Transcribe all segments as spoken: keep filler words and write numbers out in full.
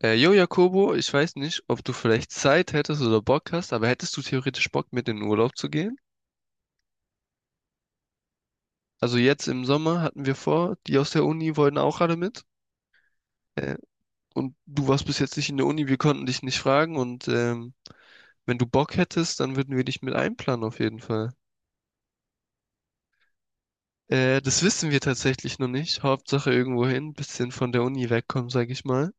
Äh, jo, Jakobo, ich weiß nicht, ob du vielleicht Zeit hättest oder Bock hast, aber hättest du theoretisch Bock, mit in den Urlaub zu gehen? Also jetzt im Sommer hatten wir vor, die aus der Uni wollten auch alle mit. Äh, und du warst bis jetzt nicht in der Uni, wir konnten dich nicht fragen. Und ähm, wenn du Bock hättest, dann würden wir dich mit einplanen auf jeden Fall. Äh, das wissen wir tatsächlich noch nicht. Hauptsache irgendwo hin, bisschen von der Uni wegkommen, sag ich mal.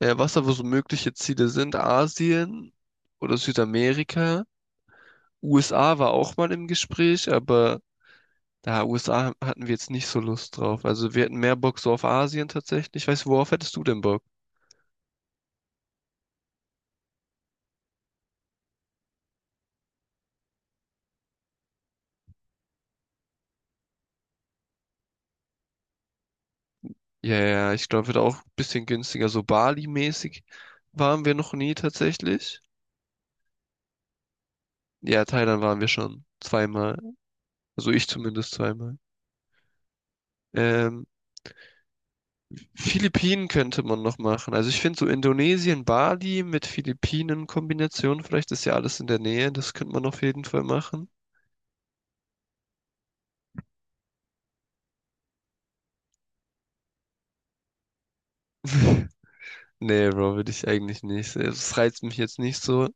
Äh, was aber so mögliche Ziele sind, Asien oder Südamerika. U S A war auch mal im Gespräch, aber da U S A hatten wir jetzt nicht so Lust drauf. Also wir hatten mehr Bock so auf Asien tatsächlich. Ich weiß, worauf hättest du denn Bock? Ja, ja, ich glaube, wird auch ein bisschen günstiger. So Bali-mäßig waren wir noch nie tatsächlich. Ja, Thailand waren wir schon zweimal. Also ich zumindest zweimal. Ähm, Philippinen könnte man noch machen. Also ich finde so Indonesien, Bali mit Philippinen-Kombination, vielleicht ist ja alles in der Nähe, das könnte man auf jeden Fall machen. Nee, Bro, will ich eigentlich nicht. Es reizt mich jetzt nicht so.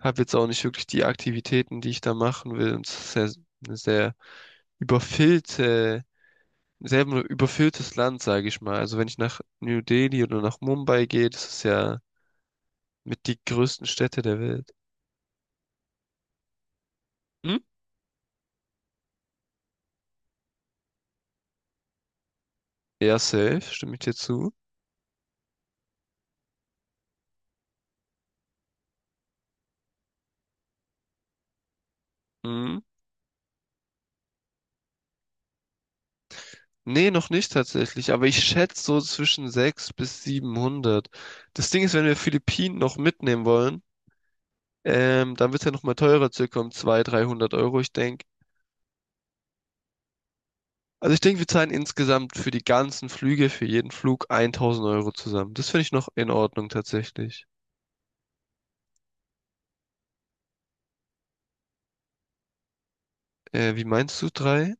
Habe jetzt auch nicht wirklich die Aktivitäten, die ich da machen will. Und es ist ja eine sehr überfüllte, ein sehr überfülltes Land, sage ich mal. Also wenn ich nach New Delhi oder nach Mumbai gehe, das ist ja mit die größten Städte der Welt. Hm? Ja, safe, stimme ich dir zu. Hm? Nee, noch nicht tatsächlich, aber ich schätze so zwischen sechshundert bis siebenhundert. Das Ding ist, wenn wir Philippinen noch mitnehmen wollen, ähm, dann wird es ja nochmal teurer, circa um zweihundert, dreihundert Euro. Ich denke, Also ich denke, wir zahlen insgesamt für die ganzen Flüge, für jeden Flug tausend Euro zusammen. Das finde ich noch in Ordnung tatsächlich. Äh, wie meinst du drei?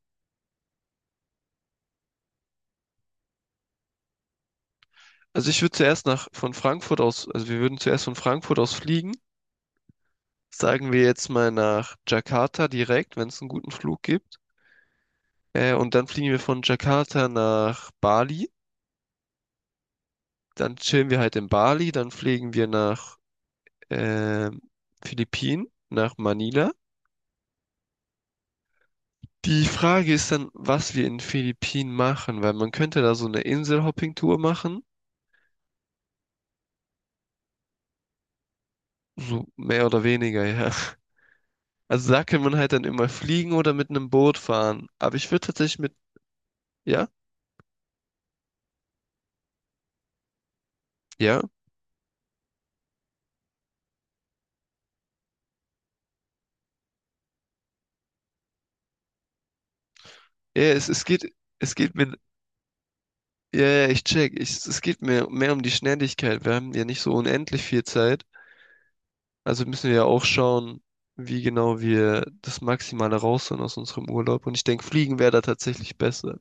Also ich würde zuerst nach von Frankfurt aus, also wir würden zuerst von Frankfurt aus fliegen. Sagen wir jetzt mal nach Jakarta direkt, wenn es einen guten Flug gibt. Äh, und dann fliegen wir von Jakarta nach Bali. Dann chillen wir halt in Bali. Dann fliegen wir nach ähm, Philippinen, nach Manila. Die Frage ist dann, was wir in den Philippinen machen, weil man könnte da so eine Inselhopping-Tour machen. So mehr oder weniger, ja. Also da kann man halt dann immer fliegen oder mit einem Boot fahren. Aber ich würde tatsächlich mit, ja, ja, ja, es, es geht, es geht mir, ja, ja, ich check, ich, es geht mir mehr um die Schnelligkeit. Wir haben ja nicht so unendlich viel Zeit. Also müssen wir ja auch schauen, wie genau wir das Maximale rausholen aus unserem Urlaub. Und ich denke, fliegen wäre da tatsächlich besser.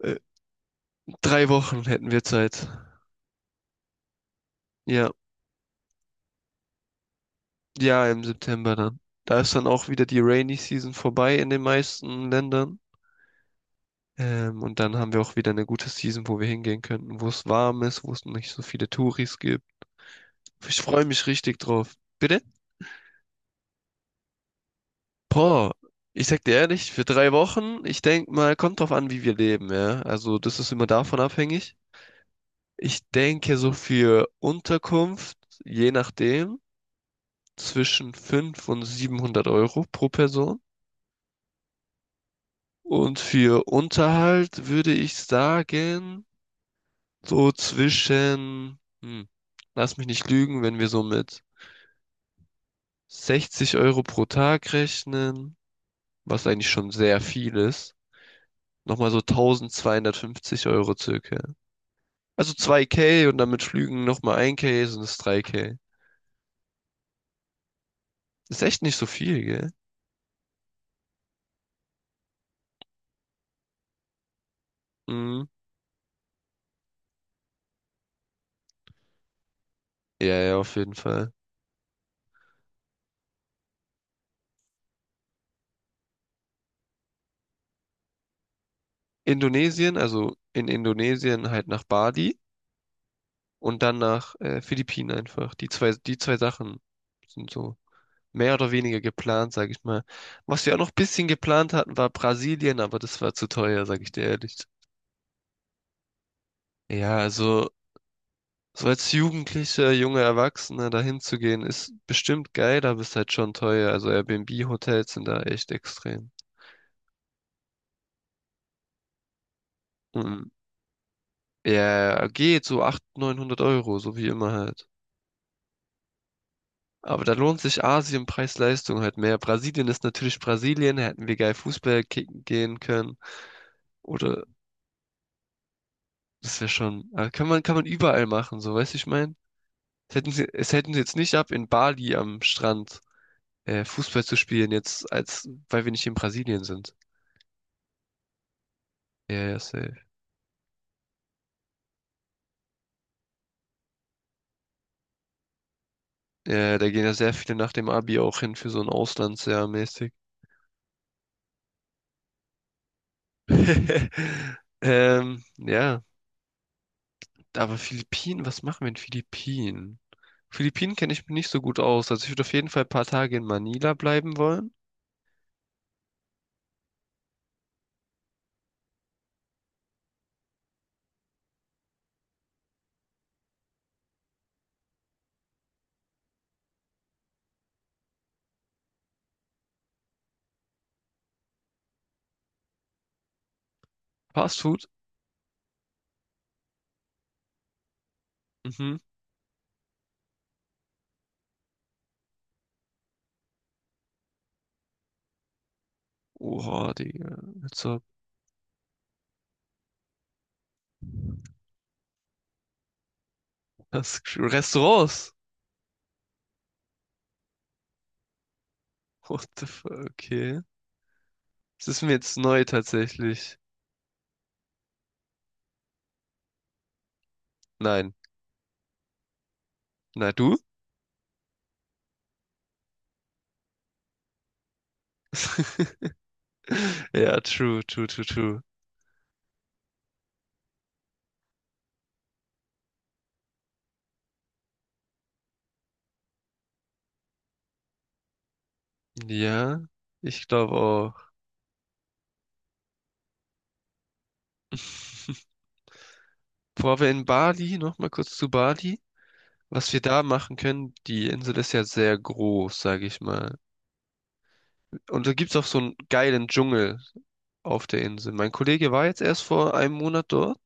Äh, drei Wochen hätten wir Zeit. Ja. Ja, im September dann. Da ist dann auch wieder die Rainy Season vorbei in den meisten Ländern. Ähm, und dann haben wir auch wieder eine gute Season, wo wir hingehen könnten, wo es warm ist, wo es nicht so viele Touris gibt. Ich freue mich richtig drauf. Bitte? Boah, ich sag dir ehrlich, für drei Wochen, ich denk mal, kommt drauf an, wie wir leben, ja. Also das ist immer davon abhängig. Ich denke so für Unterkunft, je nachdem, zwischen fünf und siebenhundert Euro pro Person. Und für Unterhalt würde ich sagen, so zwischen, hm, lass mich nicht lügen, wenn wir so mit sechzig Euro pro Tag rechnen, was eigentlich schon sehr viel ist, nochmal so tausendzweihundertfünfzig Euro circa. Also zwei K und dann mit Flügen nochmal ein K, sind es drei K. Ist echt nicht so viel, gell? Mhm. Ja, ja, auf jeden Fall. Indonesien, also in Indonesien halt nach Bali. Und dann nach äh, Philippinen einfach. Die zwei, die zwei Sachen sind so mehr oder weniger geplant, sage ich mal. Was wir auch noch ein bisschen geplant hatten, war Brasilien, aber das war zu teuer, sage ich dir ehrlich. Ja, also so als Jugendlicher, junger Erwachsener dahin zu gehen, ist bestimmt geil, aber ist halt schon teuer. Also Airbnb-Hotels sind da echt extrem. Und, ja, geht so achthundert, neunhundert Euro, so wie immer halt. Aber da lohnt sich Asien Preis-Leistung halt mehr. Brasilien ist natürlich Brasilien, da hätten wir geil Fußball kicken gehen können. Oder das wäre schon, äh, kann man, kann man überall machen, so, weißt du, ich meine? Es hätten sie, es hätten sie jetzt nicht ab, in Bali am Strand äh, Fußball zu spielen, jetzt als, weil wir nicht in Brasilien sind. Ja, ja, safe. Ja, da gehen ja sehr viele nach dem Abi auch hin für so ein Auslandsjahr mäßig. Ähm, ja. Aber Philippinen, was machen wir in Philippinen? Philippinen kenne ich mich nicht so gut aus. Also ich würde auf jeden Fall ein paar Tage in Manila bleiben wollen. Fast Food? Mhm. Oha, Digga. Jetzt so das Restaurants. What the fuck, okay. Das ist mir jetzt neu tatsächlich. Nein. Na du? Ja, true, true, true, true. Ja, ich glaube auch. Bevor wir in Bali, nochmal kurz zu Bali. Was wir da machen können, die Insel ist ja sehr groß, sage ich mal. Und da gibt's auch so einen geilen Dschungel auf der Insel. Mein Kollege war jetzt erst vor einem Monat dort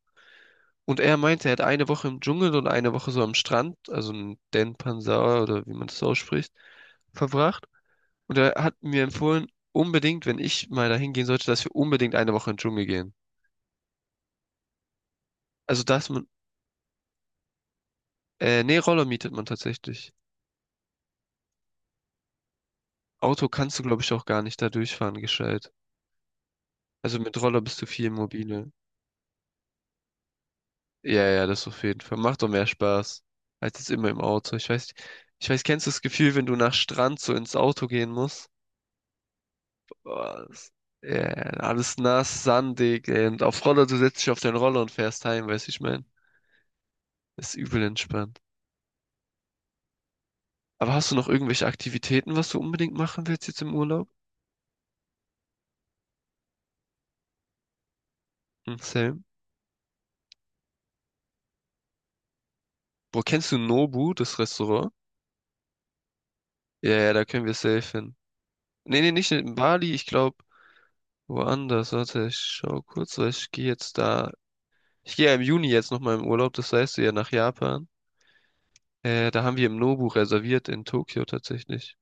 und er meinte, er hat eine Woche im Dschungel und eine Woche so am Strand, also in Denpasar oder wie man das ausspricht, verbracht. Und er hat mir empfohlen, unbedingt, wenn ich mal dahin gehen sollte, dass wir unbedingt eine Woche in den Dschungel gehen. Also dass man, äh, nee, Roller mietet man tatsächlich. Auto kannst du, glaube ich, auch gar nicht da durchfahren gescheit. Also mit Roller bist du viel mobiler. Ja, ja, das auf jeden Fall. Macht doch mehr Spaß als jetzt immer im Auto. Ich weiß, ich weiß, kennst du das Gefühl, wenn du nach Strand so ins Auto gehen musst? Boah, das, ja, alles nass, sandig, ey. Und auf Roller, du setzt dich auf den Roller und fährst heim, weißt du, ich mein. Ist übel entspannt. Aber hast du noch irgendwelche Aktivitäten, was du unbedingt machen willst jetzt im Urlaub? Hm, same. Bro, kennst du Nobu, das Restaurant? Ja, ja, da können wir safe hin. Nee, nee, nicht in Bali, ich glaube. Woanders, warte, ich schau kurz, weil ich gehe jetzt da. Ich gehe ja im Juni jetzt nochmal im Urlaub, das heißt ja nach Japan. Äh, da haben wir im Nobu reserviert in Tokio tatsächlich.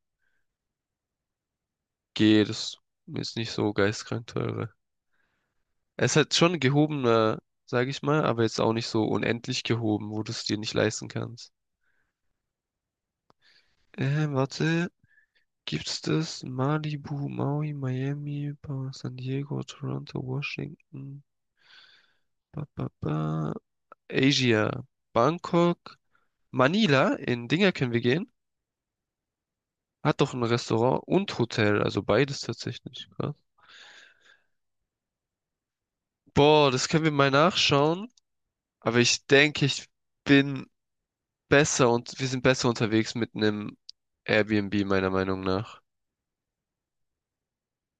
Geht, das ist nicht so geisteskrank teurer. Es hat schon gehobener, sage ich mal, aber jetzt auch nicht so unendlich gehoben, wo du es dir nicht leisten kannst. Äh, warte, gibt's das? Malibu, Maui, Miami, San Diego, Toronto, Washington. Ba, ba, ba. Asia, Bangkok, Manila, in Dinger können wir gehen. Hat doch ein Restaurant und Hotel, also beides tatsächlich. Krass. Boah, das können wir mal nachschauen. Aber ich denke, ich bin besser und wir sind besser unterwegs mit einem Airbnb, meiner Meinung nach.